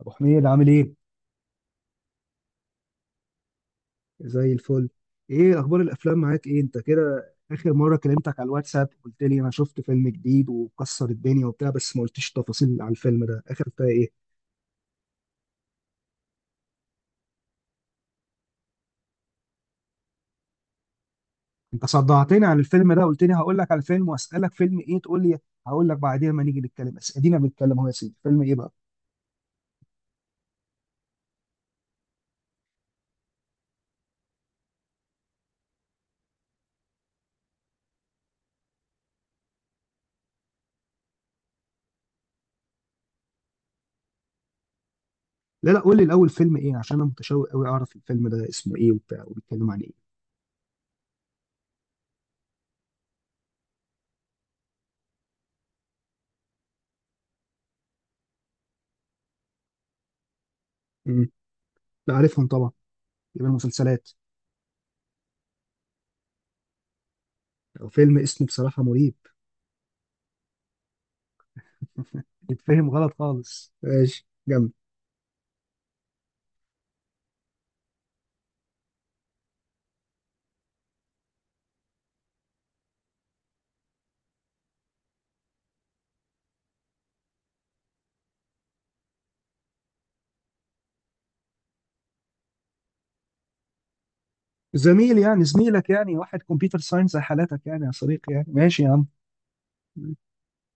ابو حميد عامل ايه؟ زي الفل. ايه اخبار الافلام معاك؟ ايه انت كده اخر مره كلمتك على الواتساب قلت لي انا شفت فيلم جديد وكسر الدنيا وبتاع، بس ما قلتيش تفاصيل على الفيلم ده، اخر فيها ايه؟ انت صدعتني عن الفيلم ده، قلت لي هقول لك على الفيلم واسالك فيلم ايه تقول لي هقول لك بعدين ما نيجي نتكلم، بس ادينا بنتكلم اهو يا سيدي. فيلم ايه بقى؟ لا لا، قول لي الاول فيلم ايه، عشان انا متشوق قوي اعرف الفيلم ده اسمه ايه وبتاع وبيتكلم عن ايه. امم. لا عارفهم طبعا. يبقى المسلسلات. او فيلم اسمه بصراحه مريب. بيتفهم غلط خالص ماشي جنب. زميل يعني، زميلك يعني، واحد كمبيوتر ساينس زي حالاتك يعني، يا صديقي يعني، ماشي يا عم.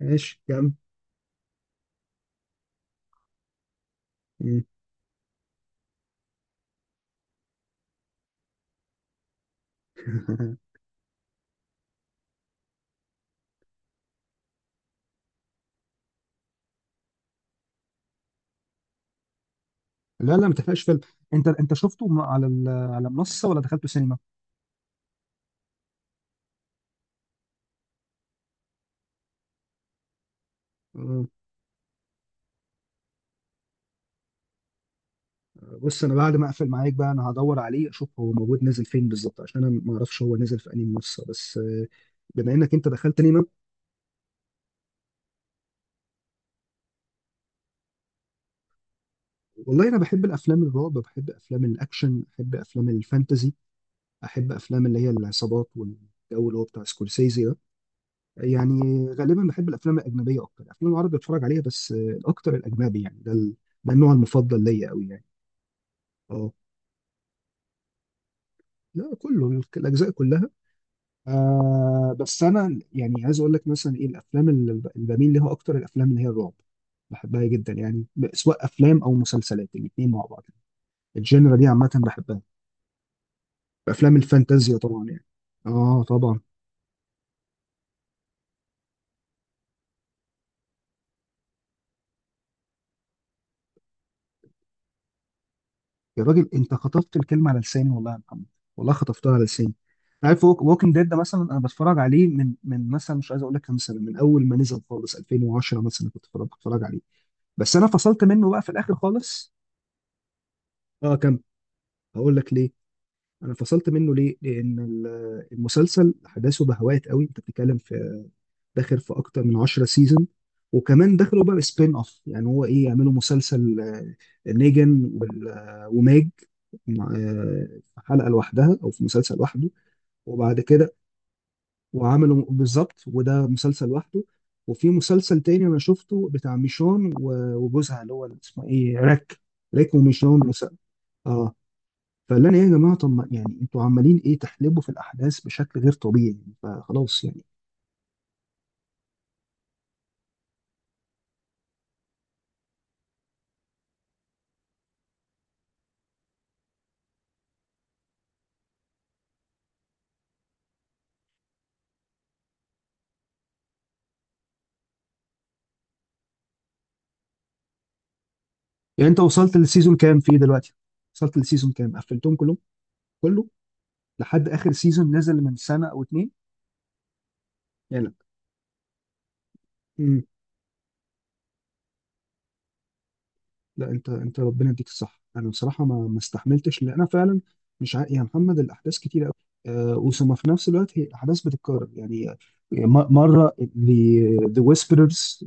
ماشي يا عم. لا لا، ما تحرقش فيلم. انت شفته على منصه ولا دخلته سينما؟ آه. بص انا بعد ما اقفل معاك بقى انا هدور عليه اشوف هو موجود نازل فين بالظبط، عشان انا ما اعرفش هو نازل في انهي منصه، بس بما انك انت دخلت سينما. والله انا بحب الافلام الرعب، بحب افلام الاكشن، بحب افلام الفانتازي، احب افلام اللي هي العصابات والجو اللي هو بتاع سكورسيزي ده. يعني غالبا بحب الافلام الاجنبيه اكتر، الافلام العربي بتفرج عليها بس، الاكتر الاجنبي يعني، ده النوع المفضل ليا قوي يعني. اه. لا كله الاجزاء كلها. بس انا يعني عايز اقول لك مثلا ايه الافلام اللي بميل ليها اكتر، الافلام اللي هي الرعب بحبها جدا يعني، سواء افلام او مسلسلات الاثنين مع بعض، الجينرا دي عامه بحبها. افلام الفانتازيا طبعا يعني. اه طبعا. يا راجل انت خطفت الكلمه على لساني والله يا محمد. والله خطفتها على لساني. عارف ووكينج ديد ده مثلا انا بتفرج عليه من مثلا، مش عايز اقول لك كام سنه، من اول ما نزل خالص 2010 مثلا كنت بتفرج عليه، بس انا فصلت منه بقى في الاخر خالص. اه كم. هقول لك ليه. انا فصلت منه ليه؟ لان المسلسل احداثه بهوات قوي، انت بتتكلم في داخل في اكتر من 10 سيزون، وكمان دخلوا بقى سبين اوف، يعني هو ايه، يعملوا مسلسل نيجن وماج مع- في حلقه لوحدها او في مسلسل لوحده، وبعد كده وعملوا بالظبط وده مسلسل لوحده. وفي مسلسل تاني انا شفته بتاع ميشون وجوزها اللي هو اسمه ايه، ريك. ريك وميشون اه. فقال لنا ايه يا جماعه، طب يعني انتوا عمالين ايه تحلبوا في الاحداث بشكل غير طبيعي؟ فخلاص يعني. يعني انت وصلت للسيزون كام فيه دلوقتي؟ وصلت للسيزون كام؟ قفلتهم كلهم؟ كله؟ لحد اخر سيزون نزل من سنه او اتنين؟ يعني. لا. لا انت ربنا يديك الصح، انا بصراحه ما استحملتش، لان انا فعلا مش عا... يا محمد الاحداث كتيره قوي. أه وثم في نفس الوقت هي احداث بتتكرر يعني، مره ذا ويسبررز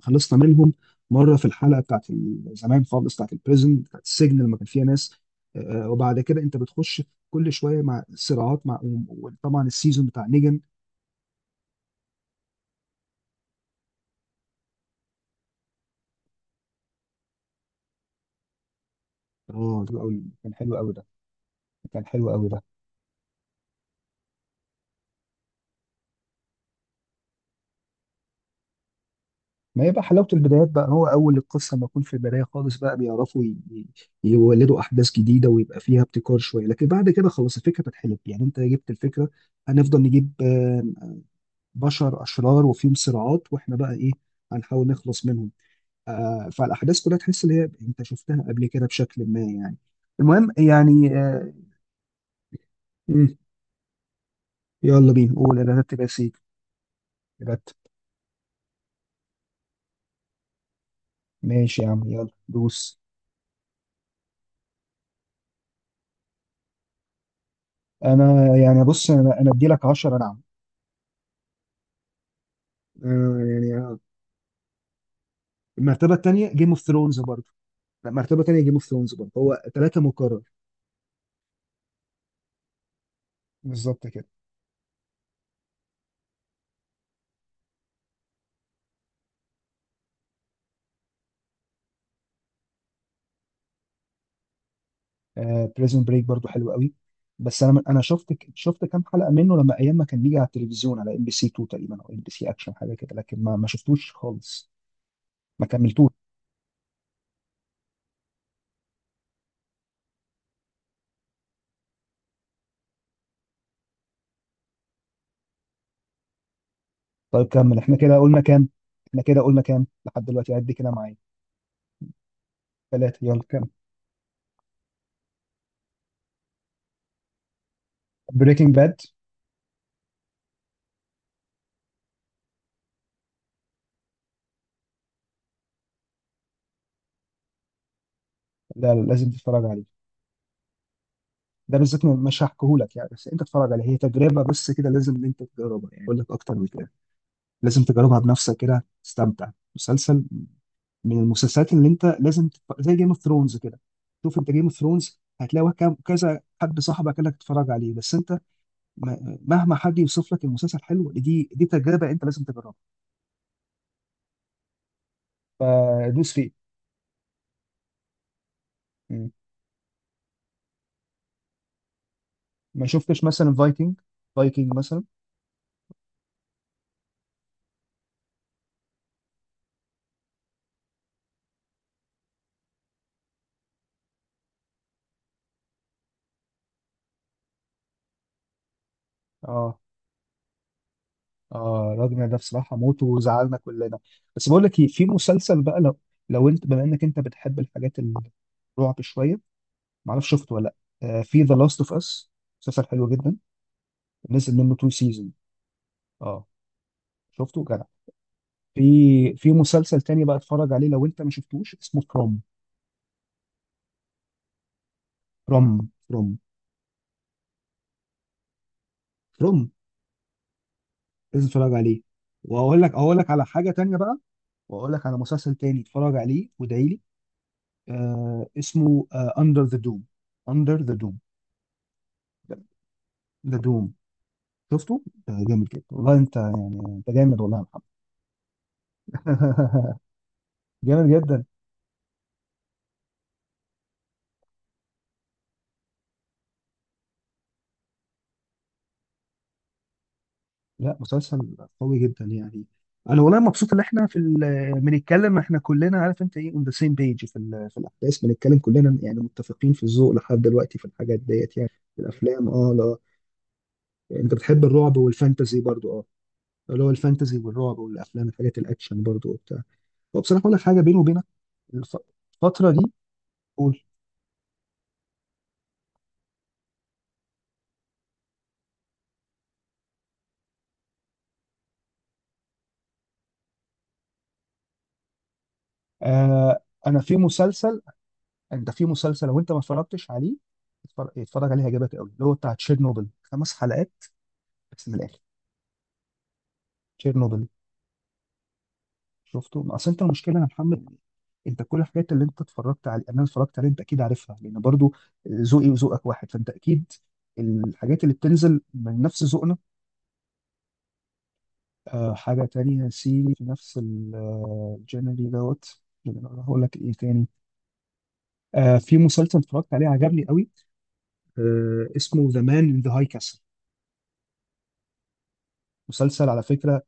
خلصنا منهم، مره في الحلقه بتاعت زمان خالص، بتاعت البريزن بتاعت السجن لما كان فيها ناس. أه وبعد كده انت بتخش كل شويه مع صراعات مع، وطبعا السيزون بتاع نيجن. اه حلو أوي. كان حلو قوي ده. كان حلو قوي ده. ما هي بقى حلاوة البدايات بقى، هو أول القصة ما يكون في البداية خالص بقى بيعرفوا يولدوا أحداث جديدة ويبقى فيها ابتكار شوية، لكن بعد كده خلاص الفكرة بتتحلب، يعني أنت جبت الفكرة هنفضل نجيب بشر أشرار وفيهم صراعات، وإحنا بقى إيه، هنحاول نخلص منهم. فالأحداث كلها تحس إن هي أنت شفتها قبل كده بشكل ما يعني. المهم يعني. مم، يلا بينا، قول، أنا رتب يا سيدي. رتب. ماشي يا عم يلا دوس. أنا يعني بص، أنا أدي لك 10 نعم. آه، يعني المرتبه الثانيه جيم اوف ثرونز برضه. لا، مرتبه الثانيه جيم اوف ثرونز برضه، هو ثلاثه مكرر. بالظبط كده. آه بريزون بريك برضه حلو قوي، بس انا شفت كام حلقه منه لما ايام ما كان بيجي على التلفزيون على ام بي سي 2 تقريبا او ام بي سي اكشن حاجه كده، لكن ما شفتوش خالص. ما كملتوش. طيب كمل. احنا كده قلنا كام؟ احنا كده قلنا كام لحد دلوقتي؟ عد كده معايا. ثلاثه. يلا كام؟ بريكنج باد. لا لا، لازم تتفرج عليه. ده بالذات مش هحكيهولك يعني، بس انت اتفرج عليه، هي تجربه بس كده لازم ان انت تجربها، يعني اقول لك اكتر من كده؟ لازم تجربها بنفسك كده تستمتع. مسلسل من المسلسلات اللي انت لازم تتف... زي جيم اوف ثرونز كده. شوف انت جيم اوف ثرونز هتلاقي كذا حد صاحبك قال لك تتفرج عليه، بس انت مهما حد يوصف لك المسلسل حلو، دي دي تجربه انت لازم تجربها. فدوس فيه. مم. ما شفتش مثلا فايكنج؟ فايكنج مثلا. اه. اه راجل ده بصراحه موته وزعلنا كلنا. بس بقول لك ايه، في مسلسل بقى لو، لو انت بما انك انت بتحب الحاجات الرعب شويه، ما اعرفش شفته ولا لا، في ذا لاست اوف اس، مسلسل حلو جدا، نزل منه تو سيزون. اه شفته جدع. في في مسلسل تاني بقى اتفرج عليه لو انت ما شفتوش، اسمه فروم. فروم. فروم فروم. لازم تتفرج عليه. واقول لك على حاجه تانيه بقى، واقول لك على مسلسل تاني اتفرج عليه وادعي لي. آه اسمه اندر ذا دوم. اندر ذا دوم. ذا دوم. شفته. ده جامد جدا والله. انت انت جامد والله يا محمد. جامد جدا. لا مسلسل قوي جدا يعني. انا والله مبسوط ان احنا بنتكلم، احنا كلنا عارف انت ايه، اون ذا سيم بيج في في الاحداث بنتكلم كلنا يعني، متفقين في الذوق لحد دلوقتي في الحاجات ديت يعني. في الافلام اه لا. انت بتحب الرعب والفانتزي برضو اه، اللي هو الفانتزي والرعب والافلام الحاجات الاكشن برضو وبتاع. وبصراحه اقول لك حاجه بيني وبينك. الف- الفتره دي. قول. آه انا في مسلسل، انت في مسلسل لو انت ما اتفرجتش عليه اتفرج عليه هيعجبك قوي، اللي هو بتاع تشيرنوبل، خمس حلقات بس من الاخر. تشيرنوبل شفته؟ اصل انت المشكله يا محمد، انت كل الحاجات اللي انت اتفرجت على انا اتفرجت عليها، انت اكيد عارفها لان برضو ذوقي وذوقك واحد، فانت اكيد الحاجات اللي بتنزل من نفس ذوقنا. آه حاجه تانية سي في نفس الجنري دوت. هقول لك ايه تاني. آه في مسلسل اتفرجت عليه عجبني قوي، آه اسمه ذا مان ان ذا هاي كاسل. مسلسل على فكره.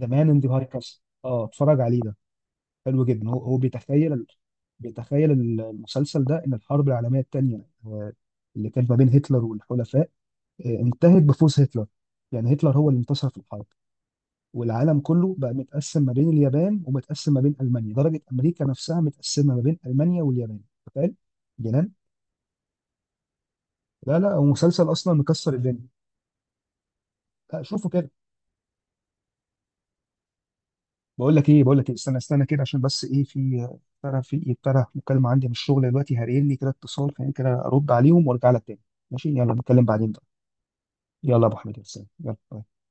ذا مان ان ذا هاي كاسل، اه اتفرج عليه ده، حلو جدا. هو هو بيتخيل، بيتخيل المسلسل ده ان الحرب العالميه الثانيه اللي كانت ما بين هتلر والحلفاء، انتهت بفوز هتلر. يعني هتلر هو اللي انتصر في الحرب، والعالم كله بقى متقسم ما بين اليابان ومتقسم ما بين المانيا، درجه امريكا نفسها متقسمه ما بين المانيا واليابان. تخيل. جنان. لا لا هو مسلسل اصلا مكسر الدنيا. لا شوفوا كده. بقول لك ايه، بقول لك إيه؟ استنى استنى كده عشان بس ايه في، ترى في ابتدى مكالمه عندي من الشغل دلوقتي، هاريني كده اتصال، خليني كده ارد عليهم وارجع لك تاني. ماشي يلا نتكلم بعدين بقى. يلا يا ابو حميد، يا سلام، يلا باي.